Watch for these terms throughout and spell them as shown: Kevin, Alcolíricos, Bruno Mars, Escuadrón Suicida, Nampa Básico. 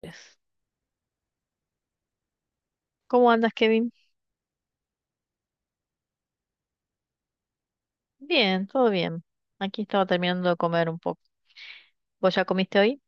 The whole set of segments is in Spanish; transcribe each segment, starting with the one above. Pues, ¿cómo andas, Kevin? Bien, todo bien. Aquí estaba terminando de comer un poco. ¿Vos ya comiste hoy?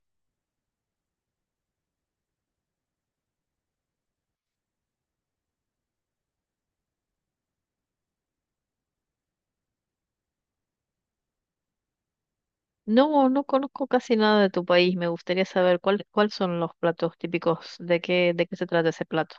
No, no conozco casi nada de tu país. Me gustaría saber cuáles son los platos típicos, de qué se trata ese plato.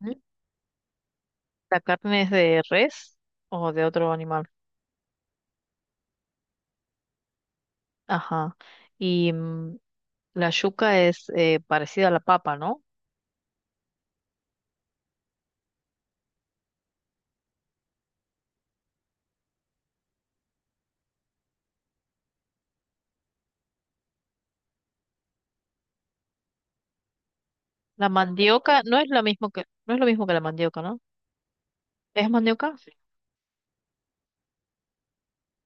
¿Mm? ¿La carne es de res o de otro animal? Ajá. Y la yuca es parecida a la papa, ¿no? La mandioca no es lo mismo que, no es lo mismo que la mandioca, ¿no? ¿Es mandioca?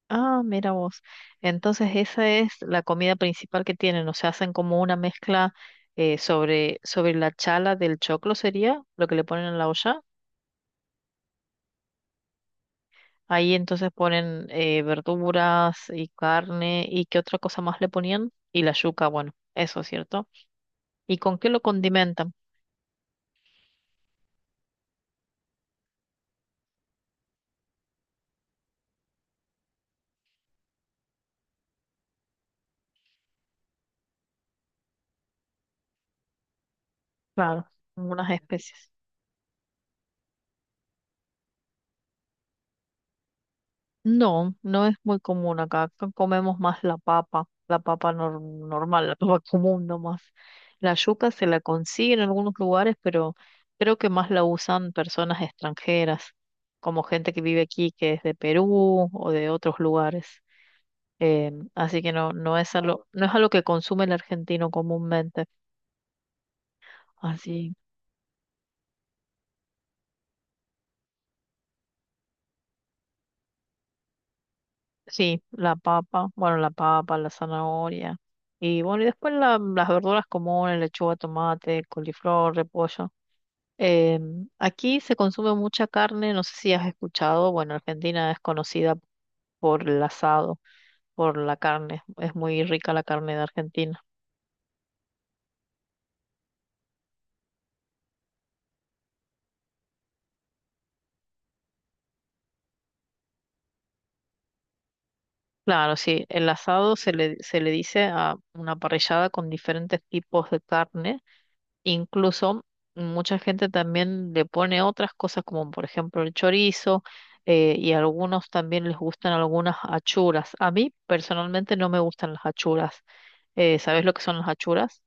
Ah, mira vos. Entonces esa es la comida principal que tienen, o sea, hacen como una mezcla sobre la chala del choclo sería lo que le ponen en la olla. Ahí entonces ponen verduras y carne y qué otra cosa más le ponían y la yuca, bueno, eso es cierto. ¿Y con qué lo condimentan? Claro, unas especies. No, no es muy común acá. Acá comemos más la papa, normal, la papa común nomás. La yuca se la consigue en algunos lugares, pero creo que más la usan personas extranjeras, como gente que vive aquí, que es de Perú o de otros lugares. Así que no, no es algo que consume el argentino comúnmente. Así, sí, la papa, bueno, la papa, la zanahoria. Y bueno, y después las verduras comunes, lechuga, tomate, coliflor, repollo. Aquí se consume mucha carne, no sé si has escuchado, bueno, Argentina es conocida por el asado, por la carne, es muy rica la carne de Argentina. Claro, sí, el asado se le dice a una parrillada con diferentes tipos de carne, incluso mucha gente también le pone otras cosas como por ejemplo el chorizo y a algunos también les gustan algunas achuras. A mí personalmente no me gustan las achuras. ¿Sabes lo que son las achuras?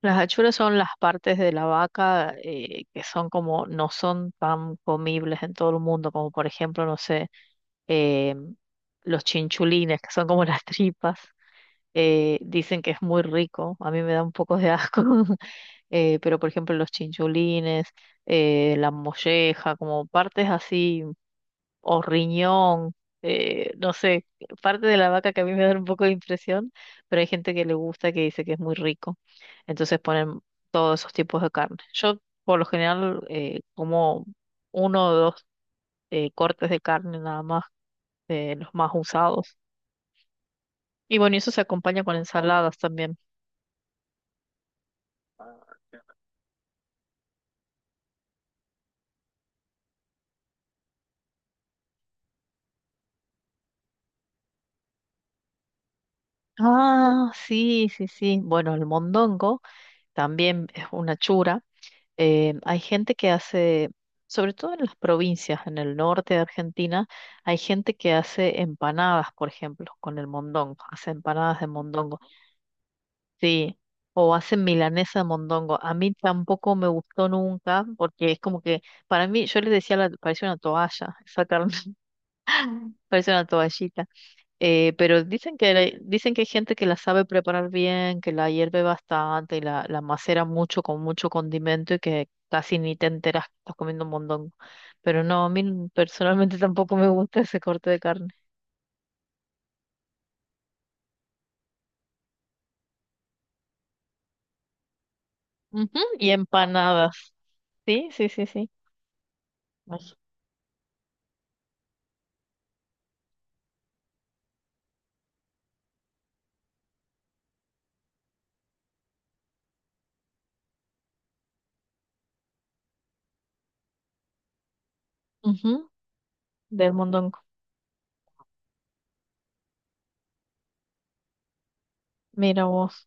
Las achuras son las partes de la vaca que son como, no son tan comibles en todo el mundo, como por ejemplo, no sé, eh, los chinchulines, que son como las tripas, dicen que es muy rico, a mí me da un poco de asco, pero por ejemplo los chinchulines, la molleja, como partes así o riñón, no sé, parte de la vaca que a mí me da un poco de impresión, pero hay gente que le gusta, que dice que es muy rico. Entonces ponen todos esos tipos de carne. Yo por lo general como uno o dos cortes de carne nada más, los más usados. Y bueno, y eso se acompaña con ensaladas también. Ah, sí, sí, sí. Bueno, el mondongo también es una chura hay gente que hace, sobre todo en las provincias, en el norte de Argentina, hay gente que hace empanadas, por ejemplo, con el mondongo, hace empanadas de mondongo, sí, o hacen milanesa de mondongo. A mí tampoco me gustó nunca, porque es como que, para mí, yo les decía, parece una toalla, esa carne, parece una toallita. Pero dicen que, dicen que hay gente que la sabe preparar bien, que la hierve bastante y la macera mucho con mucho condimento y que casi ni te enteras que estás comiendo un montón. Pero no, a mí personalmente tampoco me gusta ese corte de carne. Ujú. Y empanadas, sí, sí, sí, sí. Ay. Ujú. Del mondongo. Mira vos,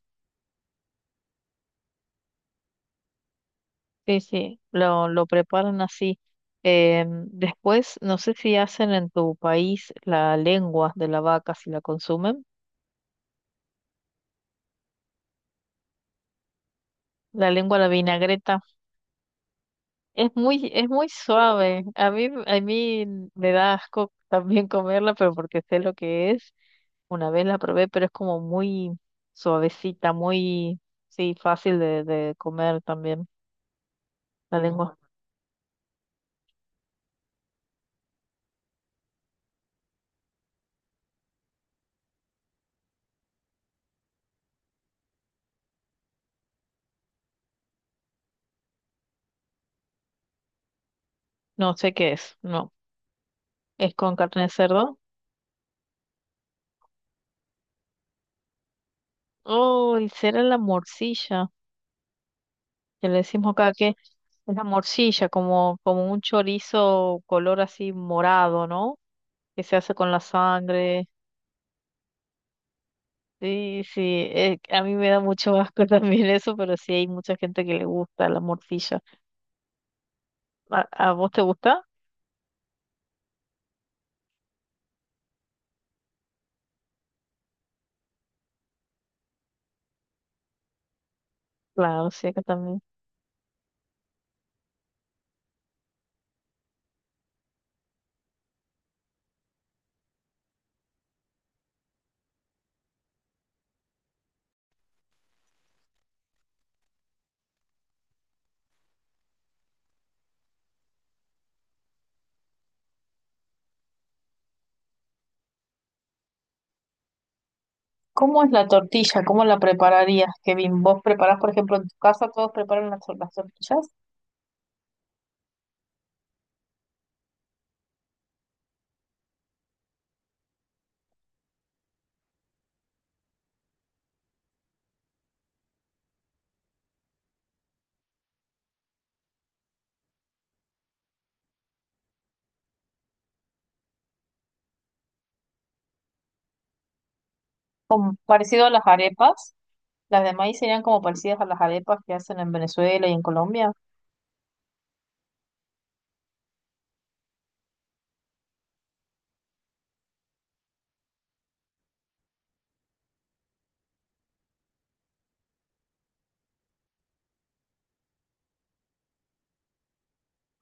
sí, sí, lo preparan así. Después, no sé si hacen en tu país la lengua de la vaca, si la consumen. La lengua, la vinagreta. Es muy suave. A mí me da asco también comerla, pero porque sé lo que es. Una vez la probé, pero es como muy suavecita, muy, sí, fácil de comer también. La lengua. No sé qué es. No. ¿Es con carne de cerdo? Oh, y será la morcilla, que le decimos acá que es la morcilla, como, como un chorizo color así morado, ¿no? Que se hace con la sangre. Sí, sí, a mí me da mucho asco también eso, pero sí hay mucha gente que le gusta la morcilla. A vos te gusta? Claro, sí, acá también. ¿Cómo es la tortilla? ¿Cómo la prepararías, Kevin? ¿Vos preparás, por ejemplo, en tu casa todos preparan las, las tortillas? Como parecido a las arepas. Las de maíz serían como parecidas a las arepas que hacen en Venezuela y en Colombia.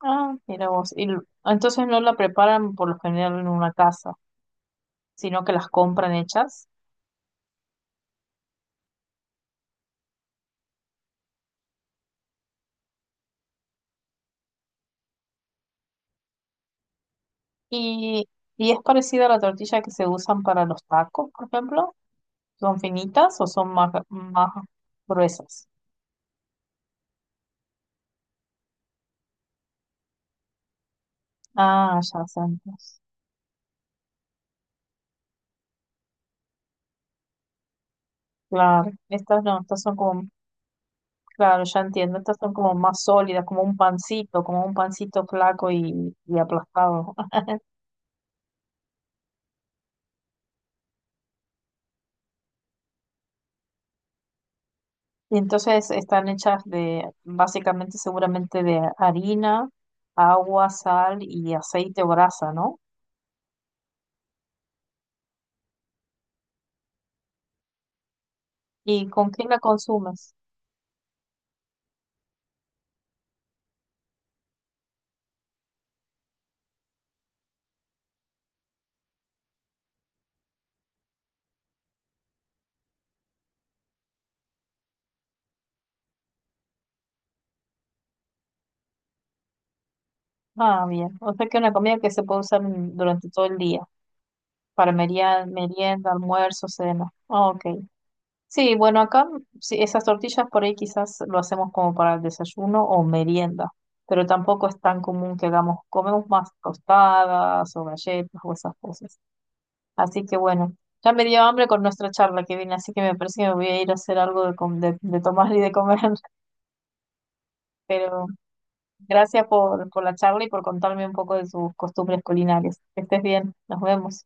Ah, mira vos. Entonces no la preparan por lo general en una casa, sino que las compran hechas. Y, y es parecida a la tortilla que se usan para los tacos, por ejemplo. ¿Son finitas o son más, más gruesas? Ah, ya santos. Claro, estas no, estas son como, claro, ya entiendo, estas son como más sólidas, como un pancito flaco y aplastado. Y entonces están hechas de, básicamente, seguramente de harina, agua, sal y aceite o grasa, ¿no? ¿Y con qué la consumes? Ah, bien. O sea que una comida que se puede usar durante todo el día, para merienda, merienda, almuerzo, cena. Ah, ok. Sí, bueno, acá sí, esas tortillas por ahí quizás lo hacemos como para el desayuno o merienda, pero tampoco es tan común que hagamos, comemos más tostadas o galletas o esas cosas. Así que bueno, ya me dio hambre con nuestra charla que viene, así que me parece que me voy a ir a hacer algo de tomar y de comer, pero gracias por la charla y por contarme un poco de sus costumbres culinarias. Que estés bien, nos vemos.